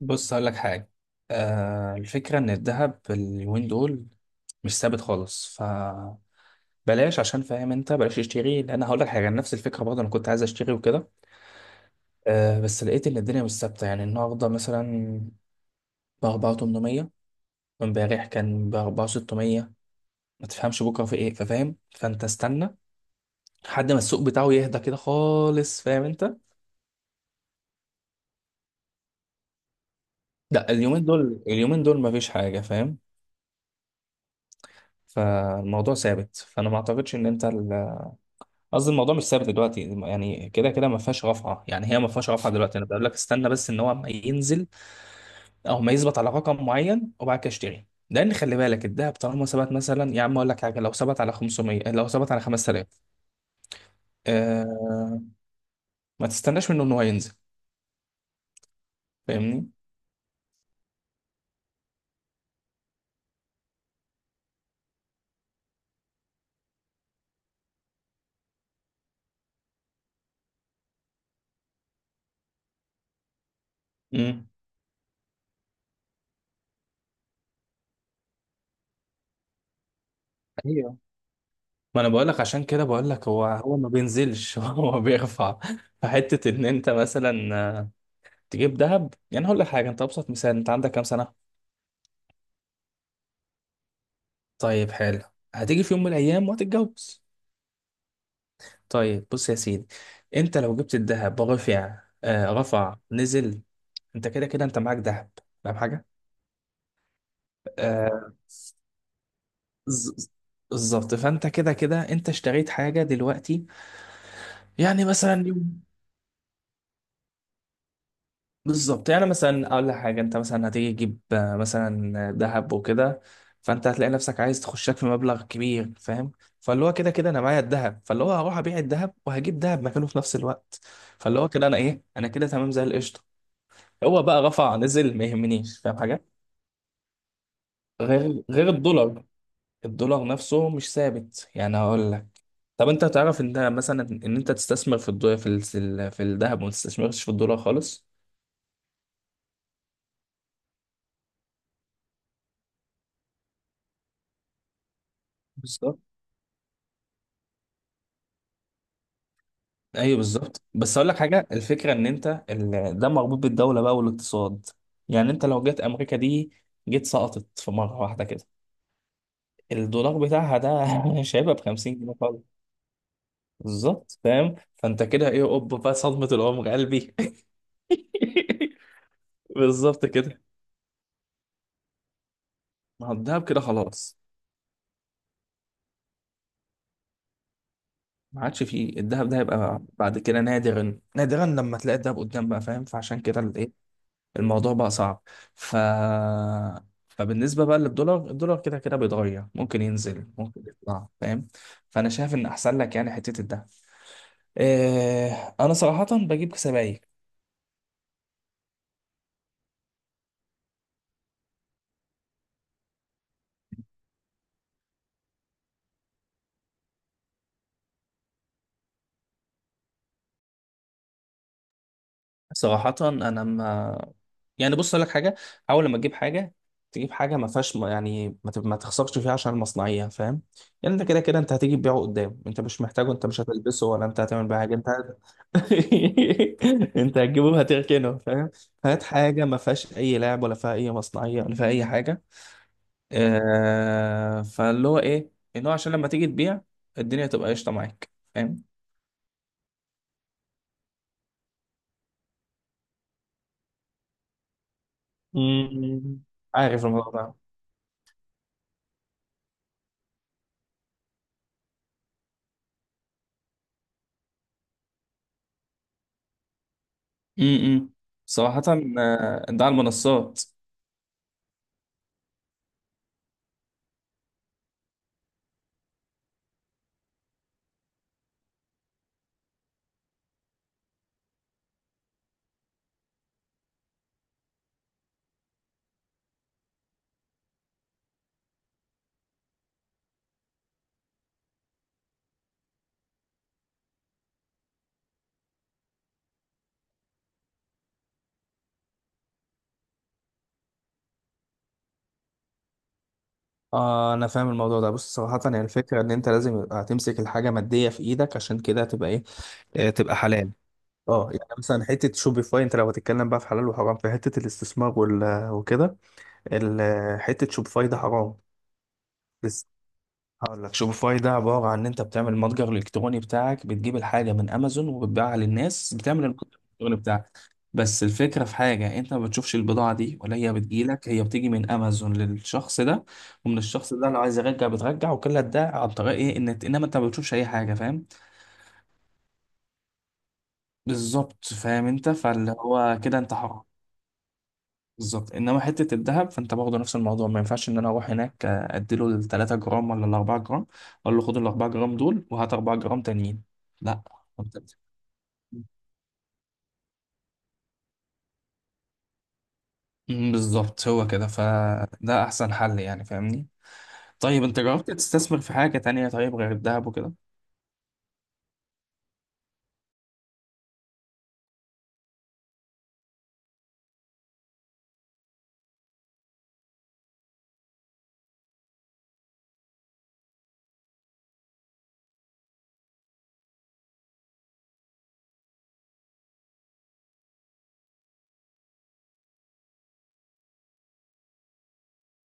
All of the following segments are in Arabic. بص هقول لك حاجة. آه، الفكرة إن الذهب اليومين دول مش ثابت خالص فبلاش. عشان فاهم أنت بلاش تشتري، لأن هقول لك حاجة. نفس الفكرة برضه أنا كنت عايز أشتري وكده. آه بس لقيت إن الدنيا مش ثابتة، يعني النهاردة مثلا ب 4800، وإمبارح كان ب 4600. ما تفهمش بكرة في إيه، ففاهم؟ فأنت استنى لحد ما السوق بتاعه يهدى كده خالص، فاهم أنت؟ لا، اليومين دول اليومين دول مفيش حاجة، فاهم؟ فالموضوع ثابت، فأنا ما أعتقدش إن أنت، قصدي الموضوع مش ثابت دلوقتي، يعني كده كده ما فيهاش رفعه، يعني هي ما فيهاش رفعه دلوقتي. انا بقول لك استنى بس ان هو ما ينزل او ما يثبت على رقم معين، وبعد كده اشتري. لان خلي بالك الدهب طالما ثبت، مثلا يا عم اقول لك حاجه، لو ثبت على 500، لو ثبت على 5000. آه، ما تستناش منه ان هو ينزل. فاهمني؟ امم. ايوه، ما انا بقول لك عشان كده، بقول لك هو ما بينزلش، هو بيرفع. فحته ان انت مثلا آه، تجيب دهب، يعني هقول لك حاجه، انت ابسط مثال، انت عندك كام سنه؟ طيب حلو، هتيجي في يوم من الايام وهتتجوز. طيب بص يا سيدي، انت لو جبت الذهب رفع آه رفع نزل، انت كده كده انت معاك ذهب، فاهم حاجه؟ آه. ز- ز- بالظبط، فانت كده كده انت اشتريت حاجه دلوقتي. يعني مثلا، بالظبط، يعني مثلا اقول لك حاجه، انت مثلا هتيجي تجيب مثلا ذهب وكده. فانت هتلاقي نفسك عايز تخشك في مبلغ كبير، فاهم؟ فاللي هو كده كده انا معايا الذهب، فاللي هو هروح ابيع الذهب وهجيب ذهب مكانه في نفس الوقت. فاللي هو كده انا ايه، انا كده تمام زي القشطه. هو بقى رفع نزل ما يهمنيش، فاهم حاجه؟ غير الدولار، الدولار نفسه مش ثابت. يعني هقول لك، طب انت تعرف ان ده مثلا، ان انت تستثمر في الدولار في الذهب، وما تستثمرش في الدولار خالص. بالظبط. ايوه بالظبط. بس اقول لك حاجه، الفكره ان انت ده مربوط بالدوله بقى والاقتصاد. يعني انت لو جت امريكا دي جيت سقطت في مره واحده كده، الدولار بتاعها ده مش هيبقى ب 50 جنيه خالص. بالظبط، فاهم؟ فانت كده ايه، اوب بقى صدمه العمر قلبي. بالظبط كده، ما هو الدهب كده خلاص، ما عادش فيه. الدهب ده هيبقى بعد كده نادرا نادرا لما تلاقي الدهب قدام بقى، فاهم؟ فعشان كده الايه، الموضوع بقى صعب. ف، فبالنسبة بقى للدولار، الدولار كده كده بيتغير، ممكن ينزل ممكن يطلع، فاهم؟ فأنا شايف إن أحسن لك يعني حتة الدهب. إيه، أنا صراحة بجيب سبائك. صراحة أنا ما، يعني بص أقول لك حاجة، حاول لما تجيب حاجة، تجيب حاجة ما فيهاش، يعني ما تخسرش فيها عشان المصنعية، فاهم؟ يعني أنت كده كده أنت هتيجي تبيعه قدام، أنت مش محتاجه، أنت مش هتلبسه، ولا أنت هتعمل بيه حاجة، أنت هت... أنت هتجيبه هتركنه، فاهم؟ هات حاجة ما فيهاش أي لعب، ولا فيها أي مصنعية، ولا فيها أي حاجة. آه... فاللي هو إيه، إن هو عشان لما تيجي تبيع الدنيا تبقى قشطة معاك، فاهم؟ مم. عارف الموضوع ده. امم. صراحة ده على المنصات. اه، انا فاهم الموضوع ده. بص صراحة هي الفكرة ان انت لازم يبقى هتمسك الحاجة مادية في ايدك، عشان كده هتبقى ايه، تبقى حلال. اه، يعني مثلا حتة شوبيفاي، انت لو هتتكلم بقى في حلال وحرام في حتة الاستثمار وكده. حتة شوبيفاي ده حرام. هقول لك، شوبيفاي ده عبارة عن إن أنت بتعمل المتجر الإلكتروني بتاعك، بتجيب الحاجة من أمازون وبتبيعها للناس، بتعمل المتجر الإلكتروني بتاعك. بس الفكرة في حاجة، أنت ما بتشوفش البضاعة دي، ولا هي بتجيلك، هي بتيجي من أمازون للشخص ده، ومن الشخص ده لو عايز يرجع بترجع. وكل ده عن طريق إيه، إن إنما أنت ما بتشوفش أي حاجة، فاهم؟ بالظبط، فاهم أنت؟ فاللي هو كده أنت حر. بالظبط. انما حته الذهب فانت برضه نفس الموضوع، ما ينفعش ان انا اروح هناك اديله ال 3 جرام ولا ال 4 جرام، اقول له خد ال 4 جرام دول وهات 4 جرام تانيين، لا. أنت بت- مم، بالظبط هو كده، فده احسن حل يعني، فاهمني؟ طيب انت جربت تستثمر في حاجه تانية طيب غير الذهب وكده؟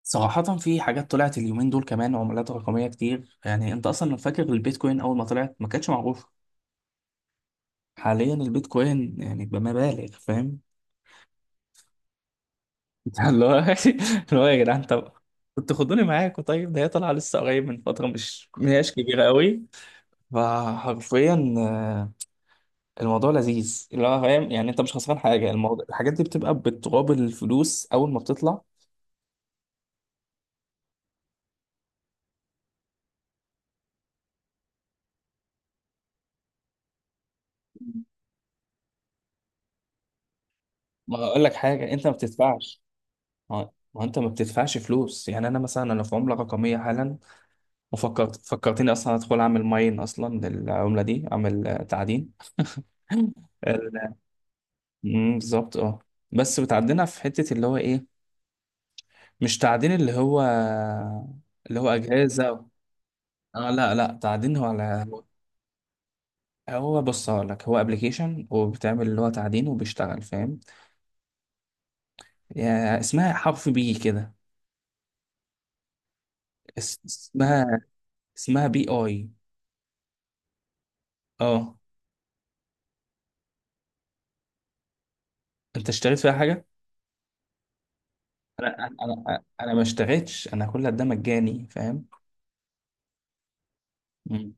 صراحة في حاجات طلعت اليومين دول كمان، عملات رقمية كتير. يعني انت اصلا لو فاكر البيتكوين اول ما طلعت ما كانتش معروفة، حاليا البيتكوين يعني بمبالغ، فاهم؟ اللي هو، اللي هو يا جدعان، طب كنتوا خدوني معاكم. طيب ده هي طالعه لسه قريب من فتره مش ما هياش كبيره قوي. فحرفيا الموضوع لذيذ، اللي هو فاهم يعني؟ انت مش خسران حاجه، الموضوع الحاجات دي بتبقى بتقابل الفلوس اول ما بتطلع. ما اقول لك حاجه، انت ما بتدفعش، ما انت ما بتدفعش فلوس. يعني انا مثلا انا في عمله رقميه حالا، وفكرت، فكرتني اصلا ادخل اعمل ماين اصلا للعمله دي، اعمل تعدين. ال- مم، بالظبط اه. بس بتعدينا في حته اللي هو ايه، مش تعدين اللي هو، اللي هو اجهزه أو... اه لا لا، تعدين هو على، هو بص هقول لك، هو ابلكيشن وبتعمل اللي هو تعدين وبيشتغل، فاهم؟ يعني اسمها حرف بي كده. اسمها، اسمها بي اي. اه، انت اشتريت فيها حاجه؟ انا انا انا أنا ما اشتريتش، انا كل ده مجاني، فاهم؟ امم.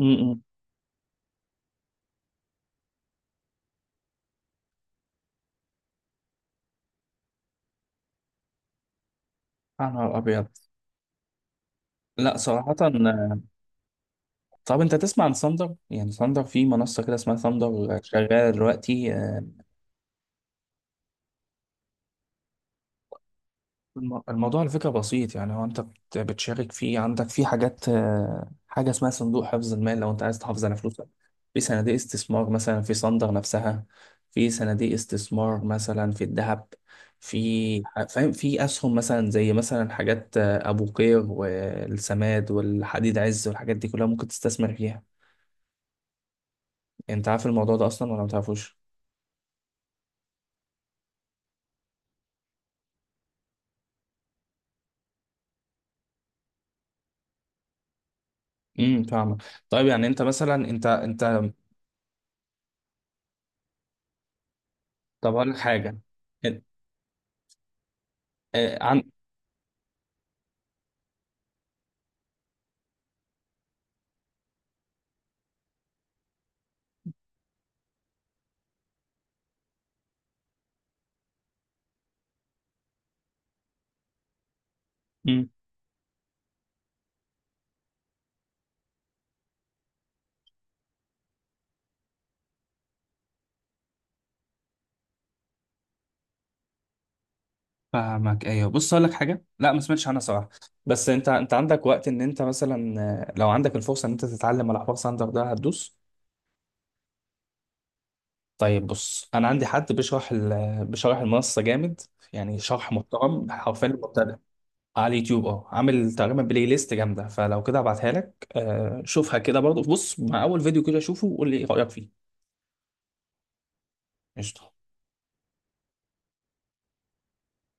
امم. يا نهار ابيض. لا صراحه. طب انت تسمع عن ثاندر؟ يعني ثاندر في منصه كده اسمها ثاندر شغاله دلوقتي. الموضوع على فكرة بسيط، يعني هو انت بتشارك فيه، عندك في حاجات حاجة اسمها صندوق حفظ المال لو انت عايز تحافظ على فلوسك، في صناديق استثمار مثلا في صندر نفسها، في صناديق استثمار مثلا في الذهب، فاهم، في اسهم مثلا زي مثلا حاجات ابو قير والسماد والحديد عز والحاجات دي كلها، ممكن تستثمر فيها. انت عارف الموضوع ده اصلا ولا ما تعرفوش؟ امم، فاهمك. طيب يعني انت مثلا انت، طب اقول لك حاجة. آه، عن فاهمك ايوه. بص اقول لك حاجه، لا ما سمعتش عنها صراحه. بس انت عندك وقت ان انت مثلا لو عندك الفرصه ان انت تتعلم على حوار ساندر ده، هتدوس. طيب بص انا عندي حد بيشرح بيشرح المنصه جامد، يعني شرح محترم حرفيا المبتدئ، على اليوتيوب اه. عامل تقريبا بلاي ليست جامده، فلو كده ابعتها لك شوفها كده برضه، بص مع اول فيديو كده شوفه وقول لي ايه رايك فيه. قشطه.